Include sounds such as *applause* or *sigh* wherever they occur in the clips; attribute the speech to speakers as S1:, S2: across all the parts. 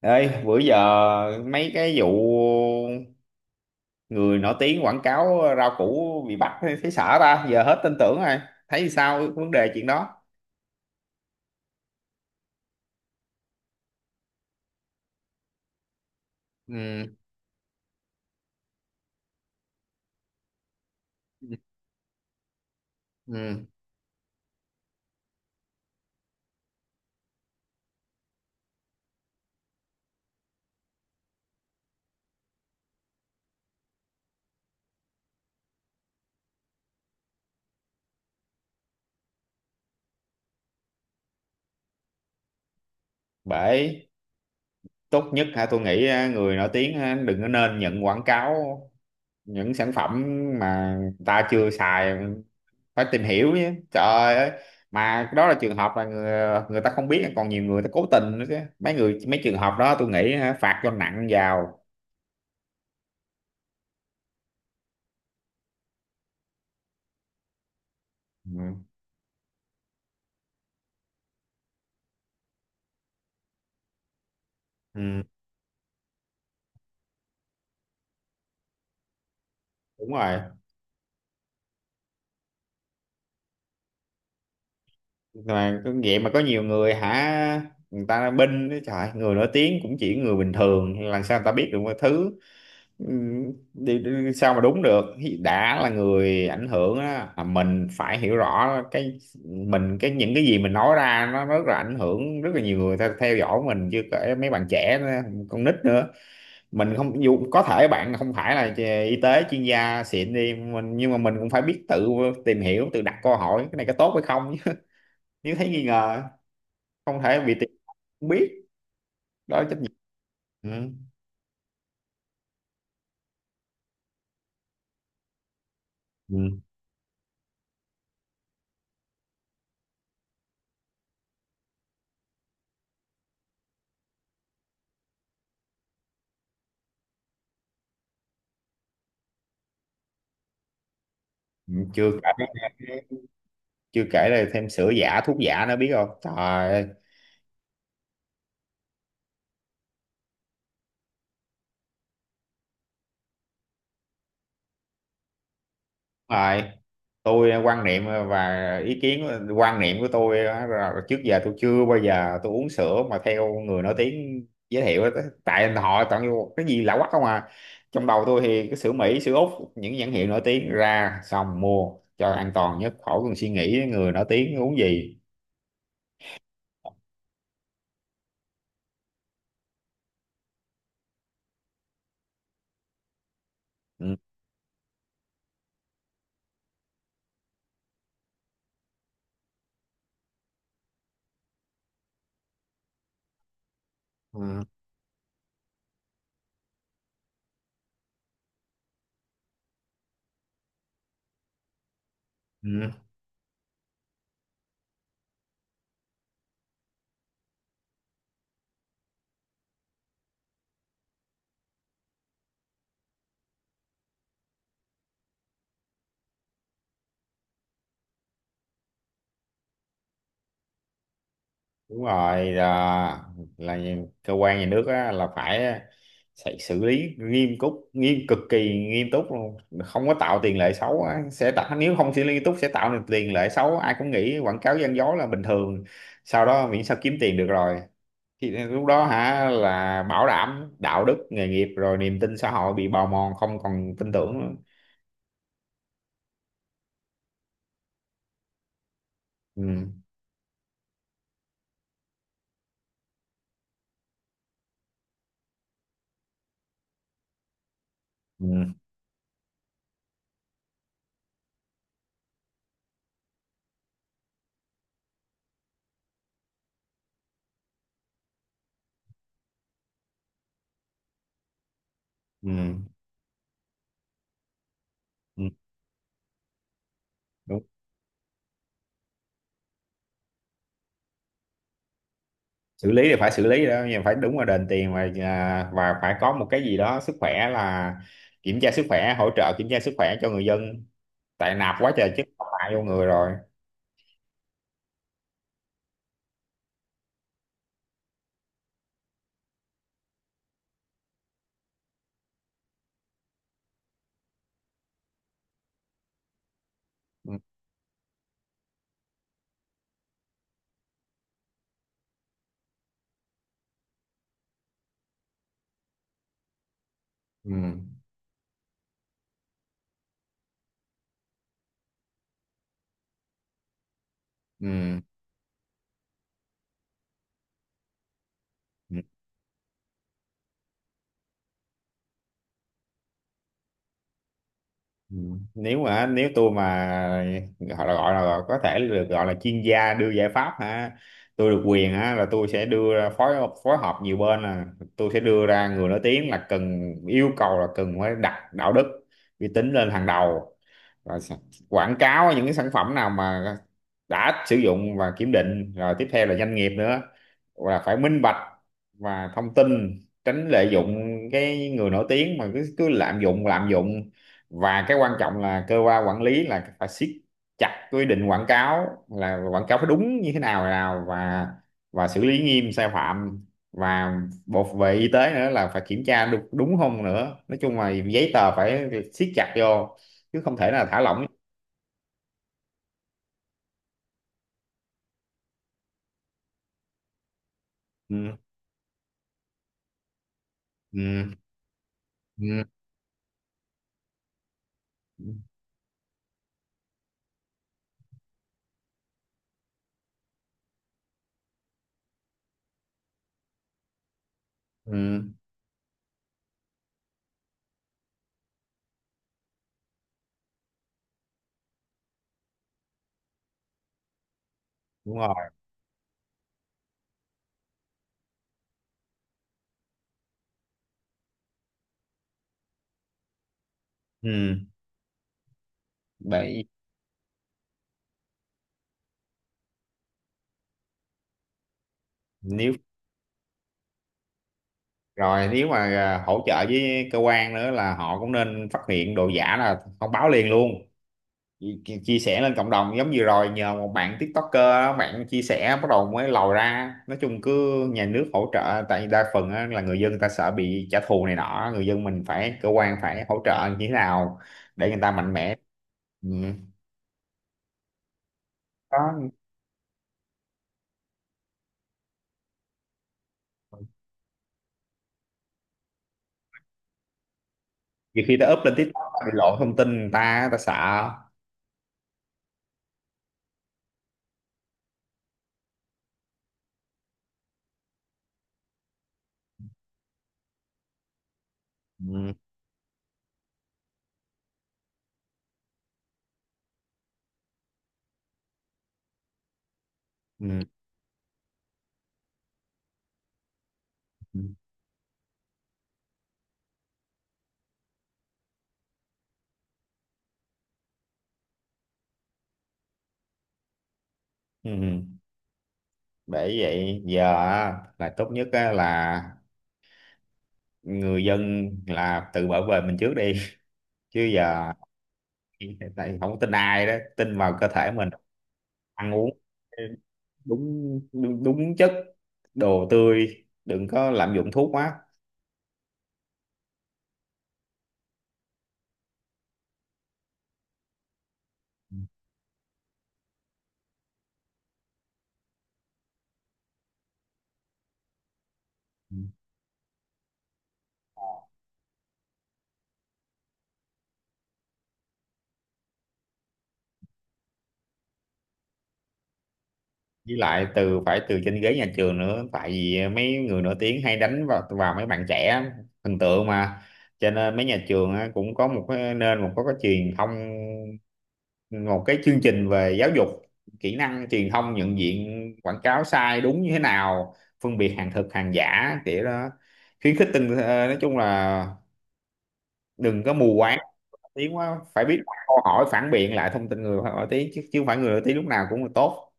S1: Ê, bữa giờ mấy cái vụ người nổi tiếng quảng cáo rau củ bị bắt thấy sợ ta, giờ hết tin tưởng rồi. Thấy sao vấn đề chuyện đó? Ừ. Ừ. Bởi tốt nhất hả tôi nghĩ người nổi tiếng á, đừng có nên nhận quảng cáo những sản phẩm mà người ta chưa xài phải tìm hiểu chứ. Trời ơi, mà đó là trường hợp là người ta không biết còn nhiều người ta cố tình nữa chứ. Mấy người mấy trường hợp đó tôi nghĩ hả, phạt cho nặng vào. Ừ. Ừ, đúng rồi mà cứ vậy mà có nhiều người hả, người ta binh đó trời, người nổi tiếng cũng chỉ người bình thường, làm sao người ta biết được mọi thứ. Ừ, đi, đi, sao mà đúng được. Đã là người ảnh hưởng á là mình phải hiểu rõ cái mình, cái những cái gì mình nói ra nó rất là ảnh hưởng rất là nhiều người theo dõi mình, chưa kể mấy bạn trẻ nữa, con nít nữa. Mình không, dù có thể bạn không phải là y tế chuyên gia xịn đi mình nhưng mà mình cũng phải biết tự tìm hiểu, tự đặt câu hỏi cái này có tốt hay không, nếu thấy nghi ngờ không thể bị tìm không biết, đó là trách nhiệm. Ừ. Ừ. Chưa kể, chưa kể là thêm sữa giả thuốc giả nữa biết không, trời ơi đúng rồi. Tôi quan niệm và ý kiến, quan niệm của tôi á, là trước giờ tôi chưa bao giờ tôi uống sữa mà theo người nổi tiếng giới thiệu á. Tại họ toàn vô cái gì lạ quắc không à. Trong đầu tôi thì cái sữa Mỹ sữa Úc những nhãn hiệu nổi tiếng ra xong mua cho an toàn nhất, khỏi cần suy nghĩ người nổi tiếng uống gì. Ừ. Ừ. Ừ. Đúng rồi, là cơ quan nhà nước á, là phải sẽ xử lý nghiêm túc, nghiêm cực kỳ nghiêm túc luôn, không có tạo tiền lệ xấu á. Sẽ tạo, nếu không xử lý nghiêm túc sẽ tạo nên tiền lệ xấu, ai cũng nghĩ quảng cáo gian dối là bình thường, sau đó miễn sao kiếm tiền được rồi, thì lúc đó hả là bảo đảm đạo đức nghề nghiệp rồi niềm tin xã hội bị bào mòn, không còn tin tưởng nữa. Ừ. Ừ. Ừ. Ừ. Xử lý thì phải xử lý đó, nhưng phải đúng là đền tiền và và phải có một cái gì đó sức khỏe là kiểm tra sức khỏe, hỗ trợ kiểm tra sức khỏe cho người dân, tại nạp quá trời chứ, hại vô người rồi. Ừ. Ừ. Ừ. Ừ. Ừ. Nếu mà nếu tôi mà gọi là, gọi là có thể được gọi là chuyên gia đưa giải pháp ha, tôi được quyền á là tôi sẽ đưa ra phối, phối hợp nhiều bên là tôi sẽ đưa ra người nổi tiếng là cần, yêu cầu là cần phải đặt đạo đức uy tín lên hàng đầu, rồi quảng cáo những cái sản phẩm nào mà đã sử dụng và kiểm định rồi, tiếp theo là doanh nghiệp nữa là phải minh bạch và thông tin, tránh lợi dụng cái người nổi tiếng mà cứ cứ lạm dụng lạm dụng, và cái quan trọng là cơ quan quản lý là phải siết chặt quy định quảng cáo, là quảng cáo phải đúng như thế nào nào, và xử lý nghiêm sai phạm, và bộ về y tế nữa là phải kiểm tra đúng, đúng không nữa, nói chung là giấy tờ phải siết chặt vô chứ không thể nào thả lỏng. Ừ, ừ, ừ, ừ, đúng rồi. Ừ. Bởi nếu rồi nếu mà hỗ trợ với cơ quan nữa là họ cũng nên phát hiện đồ giả là thông báo liền luôn. Chia sẻ lên cộng đồng giống như rồi nhờ một bạn TikToker đó, bạn chia sẻ bắt đầu mới lòi ra, nói chung cứ nhà nước hỗ trợ, tại vì đa phần á, là người dân người ta sợ bị trả thù này nọ, người dân mình phải cơ quan phải hỗ trợ như thế nào để người ta mạnh mẽ. Ừ. Đó, nhiều khi ta up lên TikTok ta bị lộ thông tin người ta ta sợ. Ừ, ừ, ừ. Ừ. Vậy giờ á, là tốt nhất á, là người dân là tự bảo vệ mình trước đi, chứ giờ tại không có tin ai, đó tin vào cơ thể mình, ăn uống đúng đúng, đúng chất, đồ tươi đừng có lạm dụng thuốc quá. Ừ, ừ. Với lại từ phải từ trên ghế nhà trường nữa, tại vì mấy người nổi tiếng hay đánh vào vào mấy bạn trẻ, hình tượng mà, cho nên mấy nhà trường á, cũng có một cái nên một có cái truyền thông, một cái chương trình về giáo dục kỹ năng truyền thông, nhận diện quảng cáo sai đúng như thế nào, phân biệt hàng thật hàng giả kiểu đó, khuyến khích tinh nói chung là đừng có mù quáng tiếng quá, phải biết đặt câu hỏi phản biện lại thông tin người nổi tiếng, chứ chứ không phải người nổi tiếng lúc nào cũng là tốt.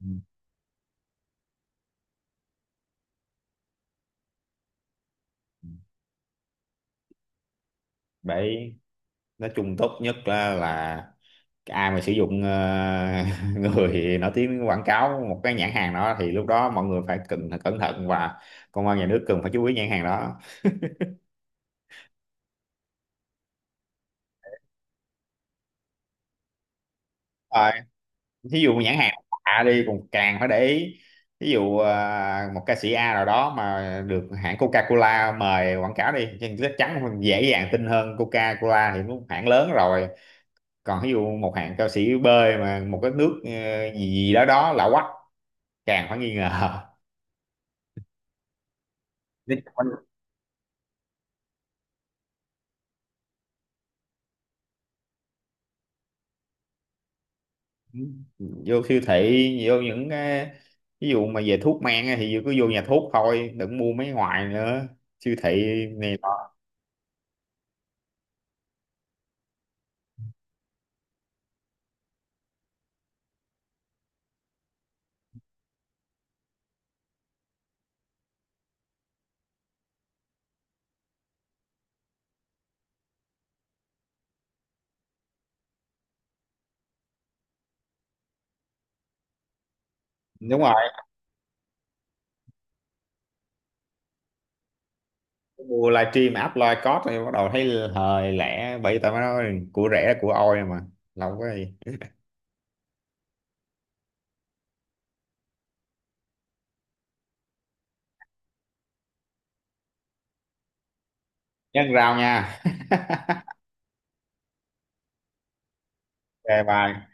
S1: Ừ. Đấy, nói chung tốt nhất á là cái ai mà sử dụng *laughs* người nổi tiếng quảng cáo một cái nhãn hàng đó thì lúc đó mọi người phải cần cẩn thận, và công an nhà nước cần phải chú ý nhãn hàng đó. Rồi, thí dụ nhãn hàng A đi còn càng phải để ý, ví dụ một ca sĩ A nào đó mà được hãng Coca-Cola mời quảng cáo đi thì chắc chắn dễ dàng tin hơn, Coca-Cola thì cũng hãng lớn rồi. Còn ví dụ một hãng ca sĩ B mà một cái nước gì gì đó đó lạ quắc, càng phải nghi ngờ. Vô siêu thị, vô những cái ví dụ mà về thuốc men á thì cứ vô nhà thuốc thôi, đừng mua mấy ngoài nữa, siêu thị này nọ. Đúng rồi, mua livestream app live code thì bắt đầu thấy hời lẻ, bởi vì tao mới nói của rẻ là của ôi mà, lâu quá gì. Nhân rau nha. *laughs* OK bye.